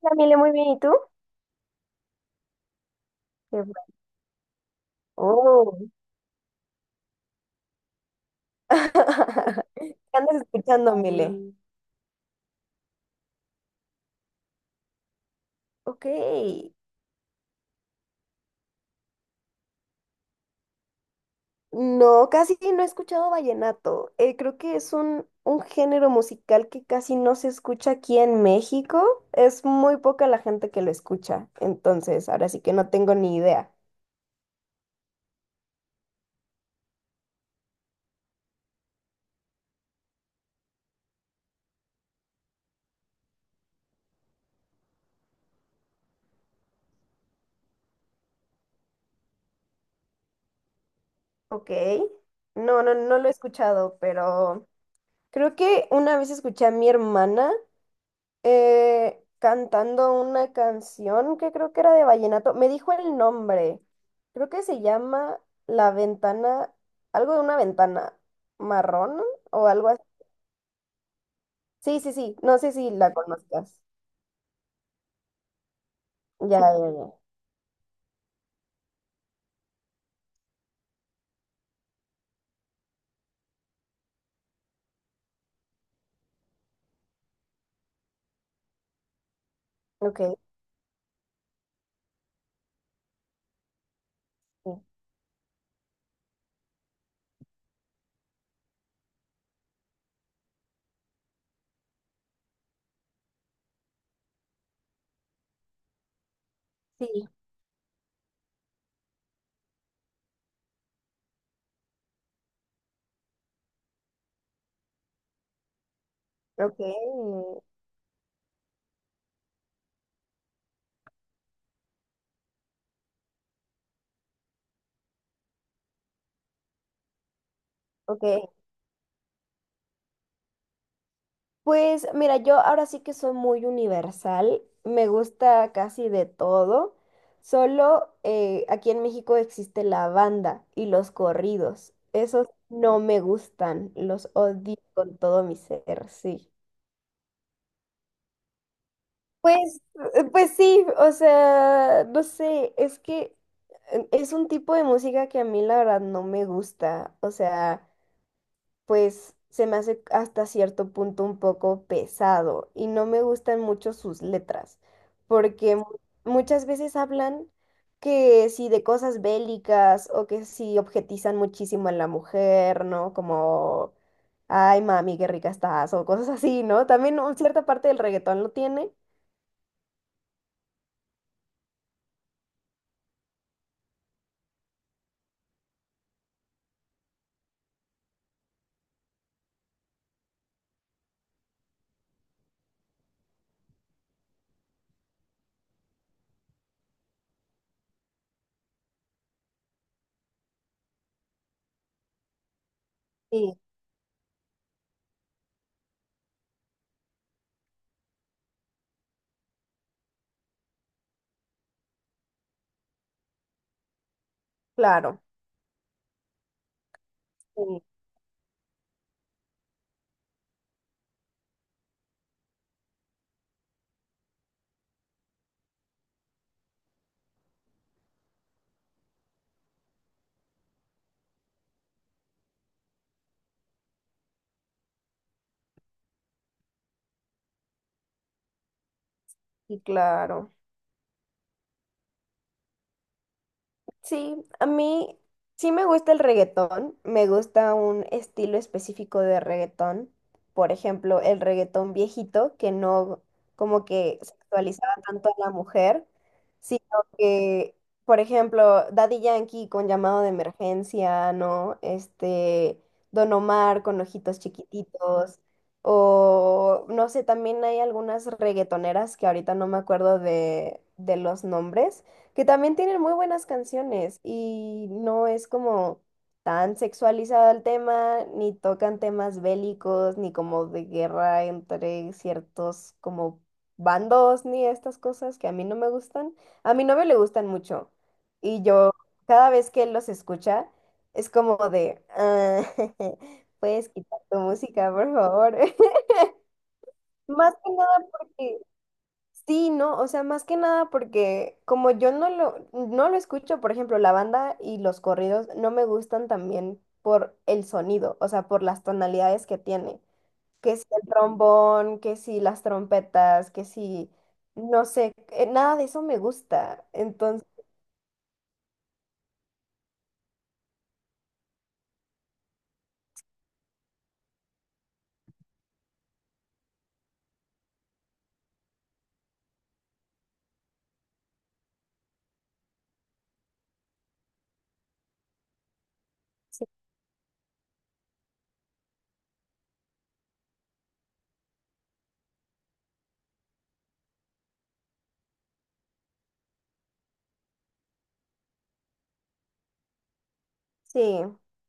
Hola, Mile, muy bien, ¿y tú? Qué bu- Oh. ¿Qué andas escuchando, Mile? Mm. Ok. No, casi no he escuchado vallenato. Creo que es un género musical que casi no se escucha aquí en México. Es muy poca la gente que lo escucha. Entonces, ahora sí que no tengo ni idea. Ok. No, no, no lo he escuchado, pero creo que una vez escuché a mi hermana, cantando una canción que creo que era de vallenato. Me dijo el nombre. Creo que se llama La Ventana, algo de una ventana marrón o algo así. Sí, sí, sí. No sé si la conozcas. Ya, ya, ya. Ok. Sí, sí, ok. Ok. Pues mira, yo ahora sí que soy muy universal, me gusta casi de todo, solo aquí en México existe la banda y los corridos, esos no me gustan, los odio con todo mi ser, sí. Pues, pues sí, o sea, no sé, es que es un tipo de música que a mí la verdad no me gusta, o sea, pues se me hace hasta cierto punto un poco pesado y no me gustan mucho sus letras, porque muchas veces hablan que si de cosas bélicas o que si objetizan muchísimo a la mujer, ¿no? Como, ay, mami, qué rica estás o cosas así, ¿no? También cierta parte del reggaetón lo tiene. Sí, claro, sí. Sí, claro. Sí, a mí sí me gusta el reggaetón, me gusta un estilo específico de reggaetón, por ejemplo, el reggaetón viejito, que no como que sexualizaba tanto a la mujer, sino que, por ejemplo, Daddy Yankee con Llamado de Emergencia, ¿no? Este, Don Omar con Ojitos Chiquititos, o no sé, también hay algunas reggaetoneras que ahorita no me acuerdo de los nombres, que también tienen muy buenas canciones y no es como tan sexualizado el tema, ni tocan temas bélicos, ni como de guerra entre ciertos como bandos, ni estas cosas que a mí no me gustan. A mi novio le gustan mucho y yo cada vez que él los escucha es como de, "Ah, puedes quitar tu música, por favor." Más que nada porque... Sí, no, o sea, más que nada porque, como yo no lo, escucho, por ejemplo, la banda y los corridos no me gustan también por el sonido, o sea, por las tonalidades que tiene, que si el trombón, que si las trompetas, que si, no sé, nada de eso me gusta, entonces, sí,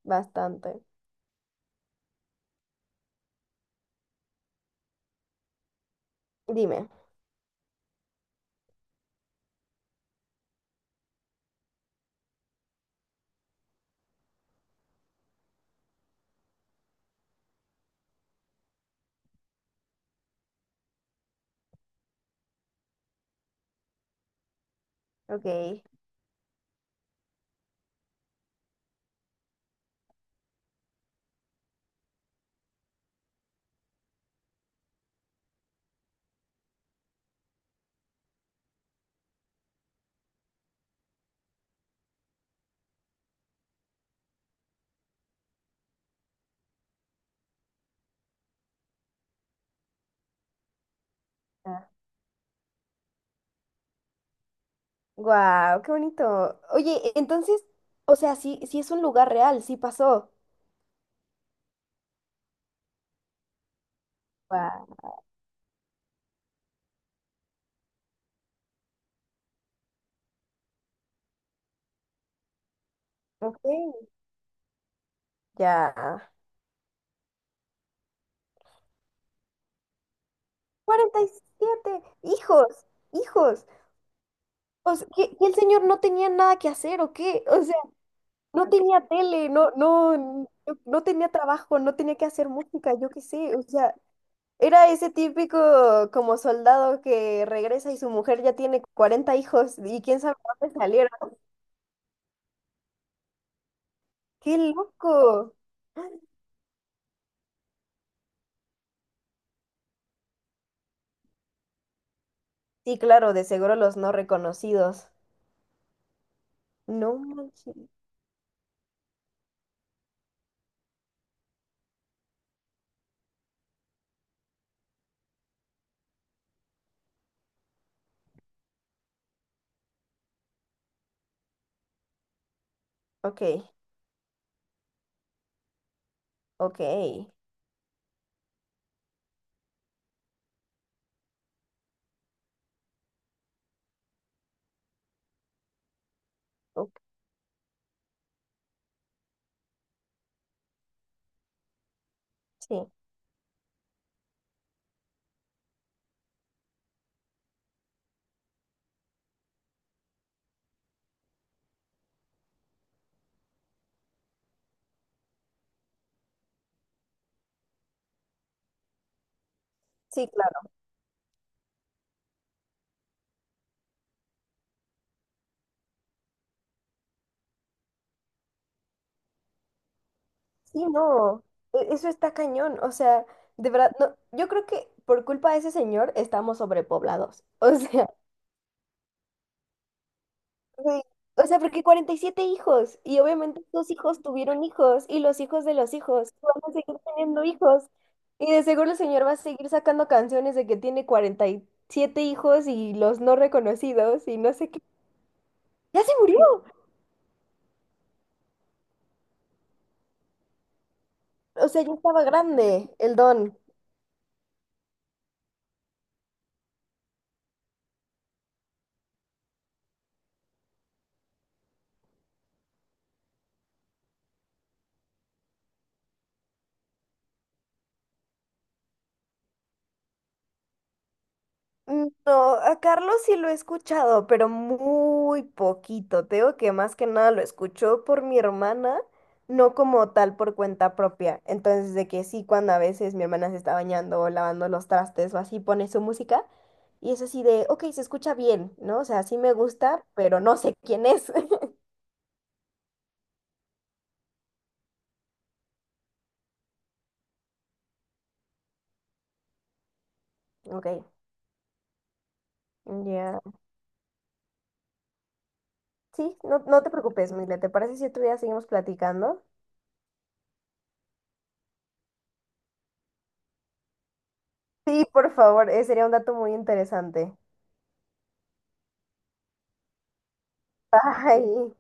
bastante. Dime, ok. Wow, qué bonito. Oye, entonces, o sea, sí, sí es un lugar real, sí pasó. Wow. Ok. Ya. 47 hijos, hijos. O sea, que el señor no tenía nada que hacer, ¿o qué? O sea, no tenía tele, no, no, no tenía trabajo, no tenía que hacer música, yo qué sé. O sea, era ese típico como soldado que regresa y su mujer ya tiene 40 hijos y quién sabe dónde salieron. ¡Qué loco! Sí, claro, de seguro los no reconocidos. No manches. Ok, ok, ok, sí, sí, claro. Sí, no, eso está cañón. O sea, de verdad, no, yo creo que por culpa de ese señor estamos sobrepoblados. O sea, sí. O sea, porque 47 hijos y obviamente sus hijos tuvieron hijos y los hijos de los hijos van a seguir teniendo hijos. Y de seguro el señor va a seguir sacando canciones de que tiene 47 hijos y los no reconocidos y no sé qué. Ya se murió. O sea, ya estaba grande el don. Mm, no, a Carlos sí lo he escuchado, pero muy poquito. Te digo que más que nada lo escucho por mi hermana, no como tal por cuenta propia. Entonces, de que sí, cuando a veces mi hermana se está bañando o lavando los trastes o así, pone su música y es así de, ok, se escucha bien, ¿no? O sea, sí me gusta, pero no sé quién es. Ok, ya. Sí, no, no te preocupes, Mile. ¿Te parece si otro día seguimos platicando? Sí, por favor, sería un dato muy interesante. Bye.